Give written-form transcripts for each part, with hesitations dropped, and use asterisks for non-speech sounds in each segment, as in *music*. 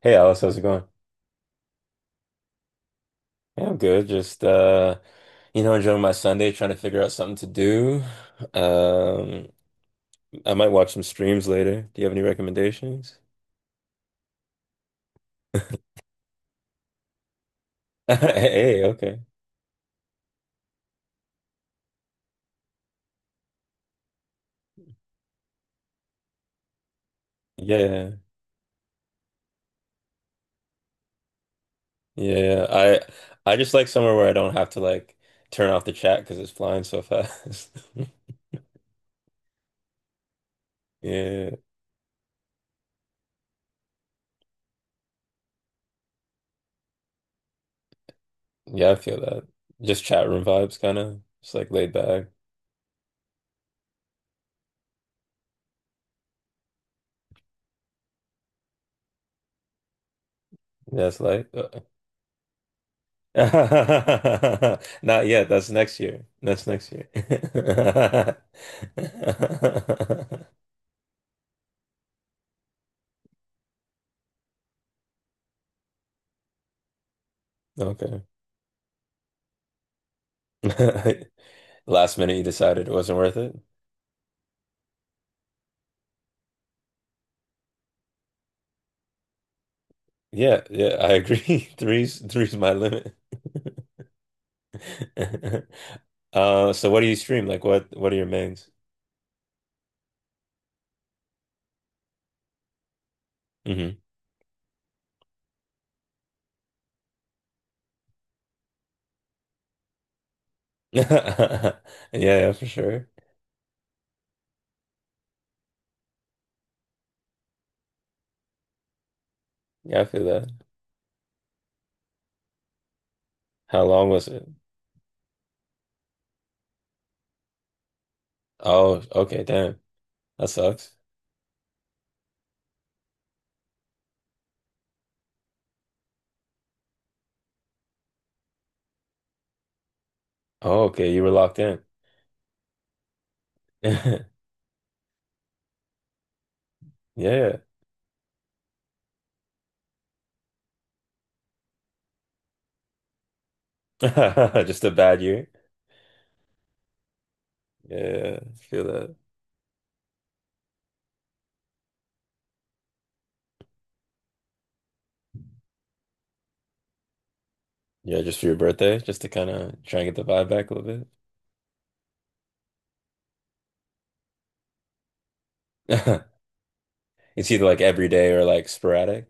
Hey Alice, how's it going? Yeah, I'm good. Just enjoying my Sunday, trying to figure out something to do. Um, I might watch some streams later. Do you have any recommendations? *laughs* Hey, okay. Yeah. Yeah. Yeah, yeah. I just like somewhere where I don't have to like turn off the chat because it's flying so fast. *laughs* Yeah. Yeah, I feel that. Just chat room vibes kind of. Just like laid back. Yeah, it's light. *laughs* Not yet. That's next year. That's next year. *laughs* Okay. *laughs* Last minute, you decided it wasn't worth it. Yeah, yeah, I agree. *laughs* Three's my limit. *laughs* So what do you stream? Like, what are your mains? Hmm. *laughs* Yeah, yeah, for sure. Yeah, I feel that. How long was it? Oh, okay, damn, that sucks. Oh, okay, you were locked in. *laughs* Yeah. *laughs* Just a bad year. Yeah, I feel that. Yeah, just for your birthday, just to kind of try and get the vibe back a little bit. *laughs* It's either like every day or like sporadic.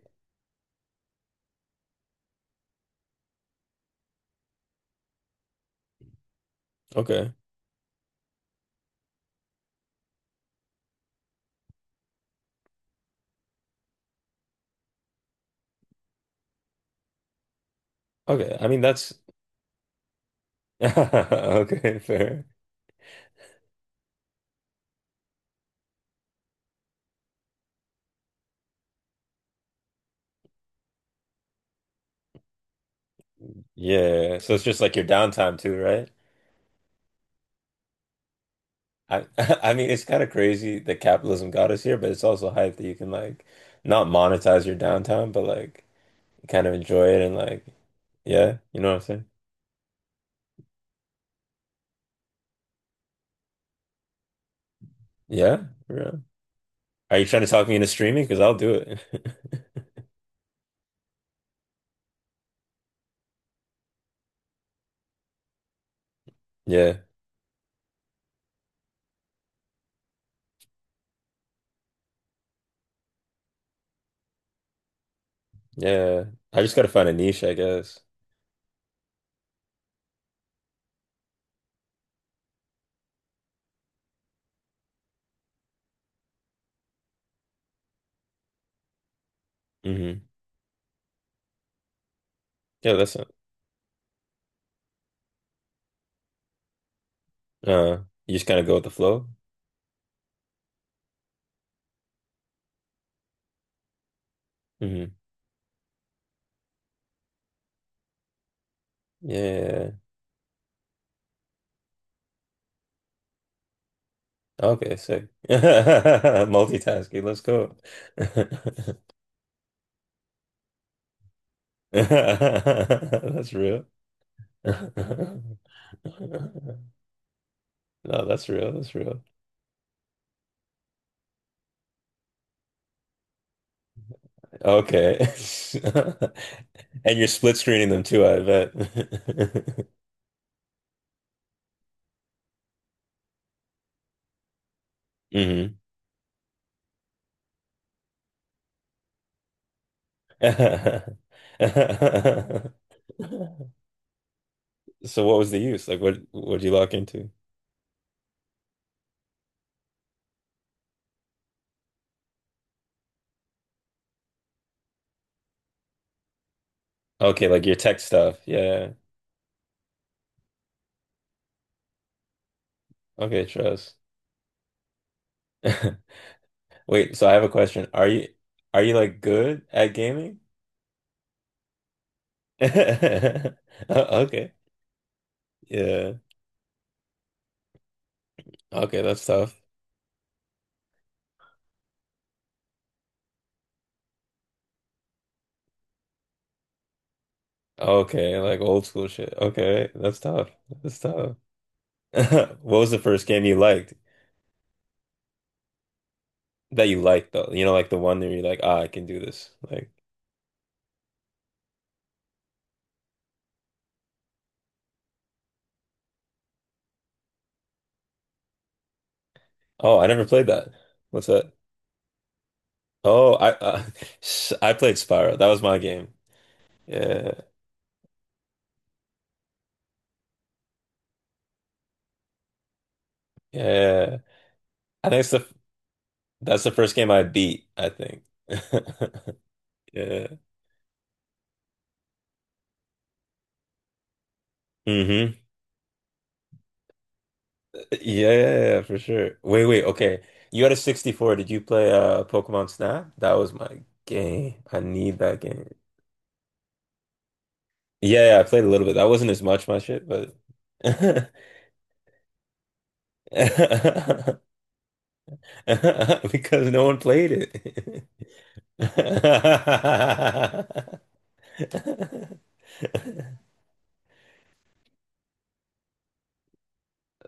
Okay. Okay. I mean, that's *laughs* okay, fair. Yeah. So it's just like your downtime too, right? I *laughs* I mean, it's kind of crazy that capitalism got us here, but it's also hype that you can like not monetize your downtime, but like kind of enjoy it and like, yeah, what I'm saying? Yeah. For real. Are you trying to talk me into streaming? Because I'll do it. *laughs* Yeah, yeah. I just gotta find a niche, I guess. Mm-hmm. Yeah, that's not, uh, you just kind of go with the flow. Mm-hmm. Yeah. Okay, sick. *laughs* Multitasking. Let's go. *laughs* That's real. *laughs* No, that's real. That's real. Okay. *laughs* And you're split screening them too, I bet. *laughs* Mm-hmm. *laughs* So what was the use? Like what'd you lock into? Okay, like your tech stuff. Yeah. Yeah, yeah. Okay, trust. *laughs* Wait, so I have a question. Are you like good at gaming? *laughs* O- Okay. Yeah. Okay, that's tough. Okay, like old school shit. Okay, that's tough. That's tough. *laughs* What was the first game you liked? That you liked though. You know, like the one that you're like, ah, I can do this. Like, oh, I never played that. What's that? Oh, I *laughs* I played Spyro. That was my game. Yeah. Yeah, I think it's the that's the first game I beat, I think. *laughs* Yeah. Hmm. Yeah, yeah, for sure. Wait, wait, okay. You had a 64. Did you play Pokemon Snap? That was my game. I need that game. Yeah, yeah, I played a little bit. That wasn't as much my shit, but *laughs* because no one played it. *laughs*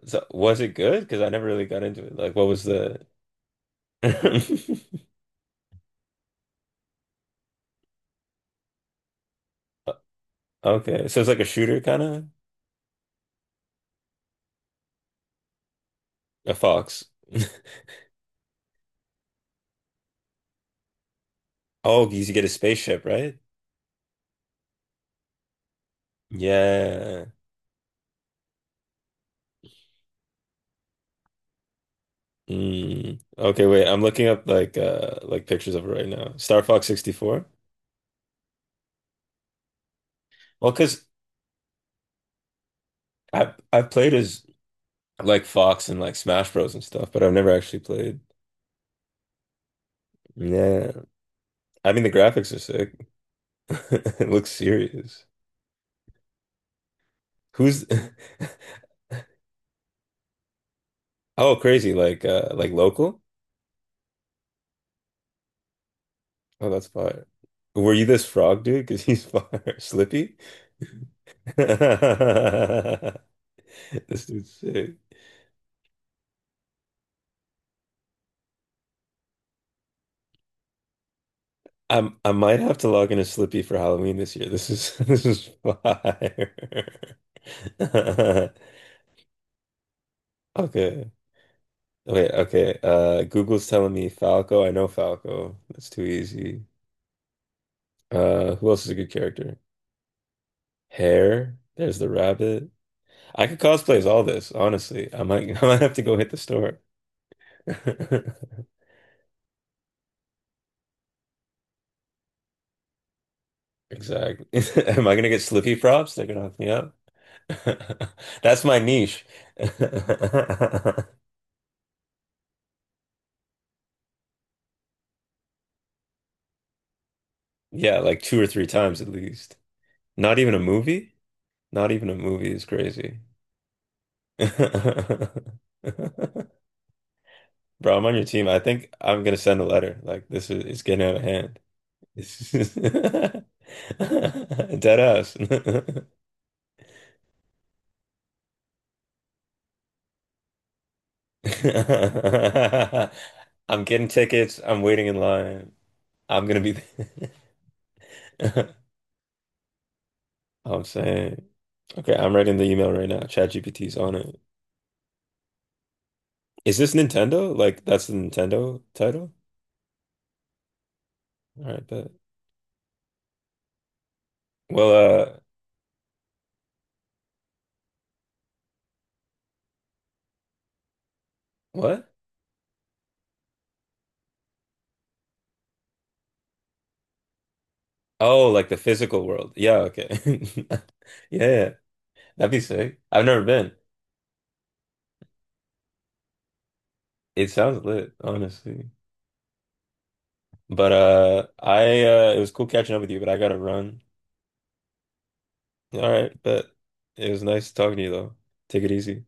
So was it good? Because I never really got into it. Like, what was the *laughs* okay, so it's like a shooter kind of a fox. *laughs* Oh, because you get a spaceship, right? Yeah. Mm. Okay, wait. I'm looking up like pictures of it right now. Star Fox 64. Well, because I played as like Fox and like Smash Bros and stuff, but I've never actually played. Yeah. I mean the graphics are sick. *laughs* It looks serious. Who's *laughs* oh, crazy. Like local? Oh, that's fire. Were you this frog dude? Because he's fire. *laughs* Slippy? *laughs* This dude's sick. I might have to log in as Slippy for Halloween this year. This is *laughs* this is fire. *laughs* Okay. Wait, okay. Google's telling me Falco. I know Falco. That's too easy. Who else is a good character? Hair. There's the rabbit. I could cosplay as all this, honestly. I might *laughs* I might have to go hit the store. *laughs* Exactly. *laughs* Am I gonna get Slippy props? They're gonna hook me up. *laughs* That's my niche. *laughs* Yeah, like two or three times at least. Not even a movie? Not even a movie is crazy. *laughs* Bro, I'm on your team. I think I'm gonna send a letter. Like this is, it's getting out of hand. This is- *laughs* dead ass. *laughs* I'm getting tickets. I'm waiting in line. I'm gonna be *laughs* I'm saying, okay, I'm writing the email right now. ChatGPT's on it. Is this Nintendo? Like that's the Nintendo title? All right, but well, uh, what? Oh, like the physical world. Yeah, okay. *laughs* Yeah, that'd be sick. I've never been. It sounds lit, honestly. But I it was cool catching up with you, but I gotta run. All right, but it was nice talking to you though. Take it easy.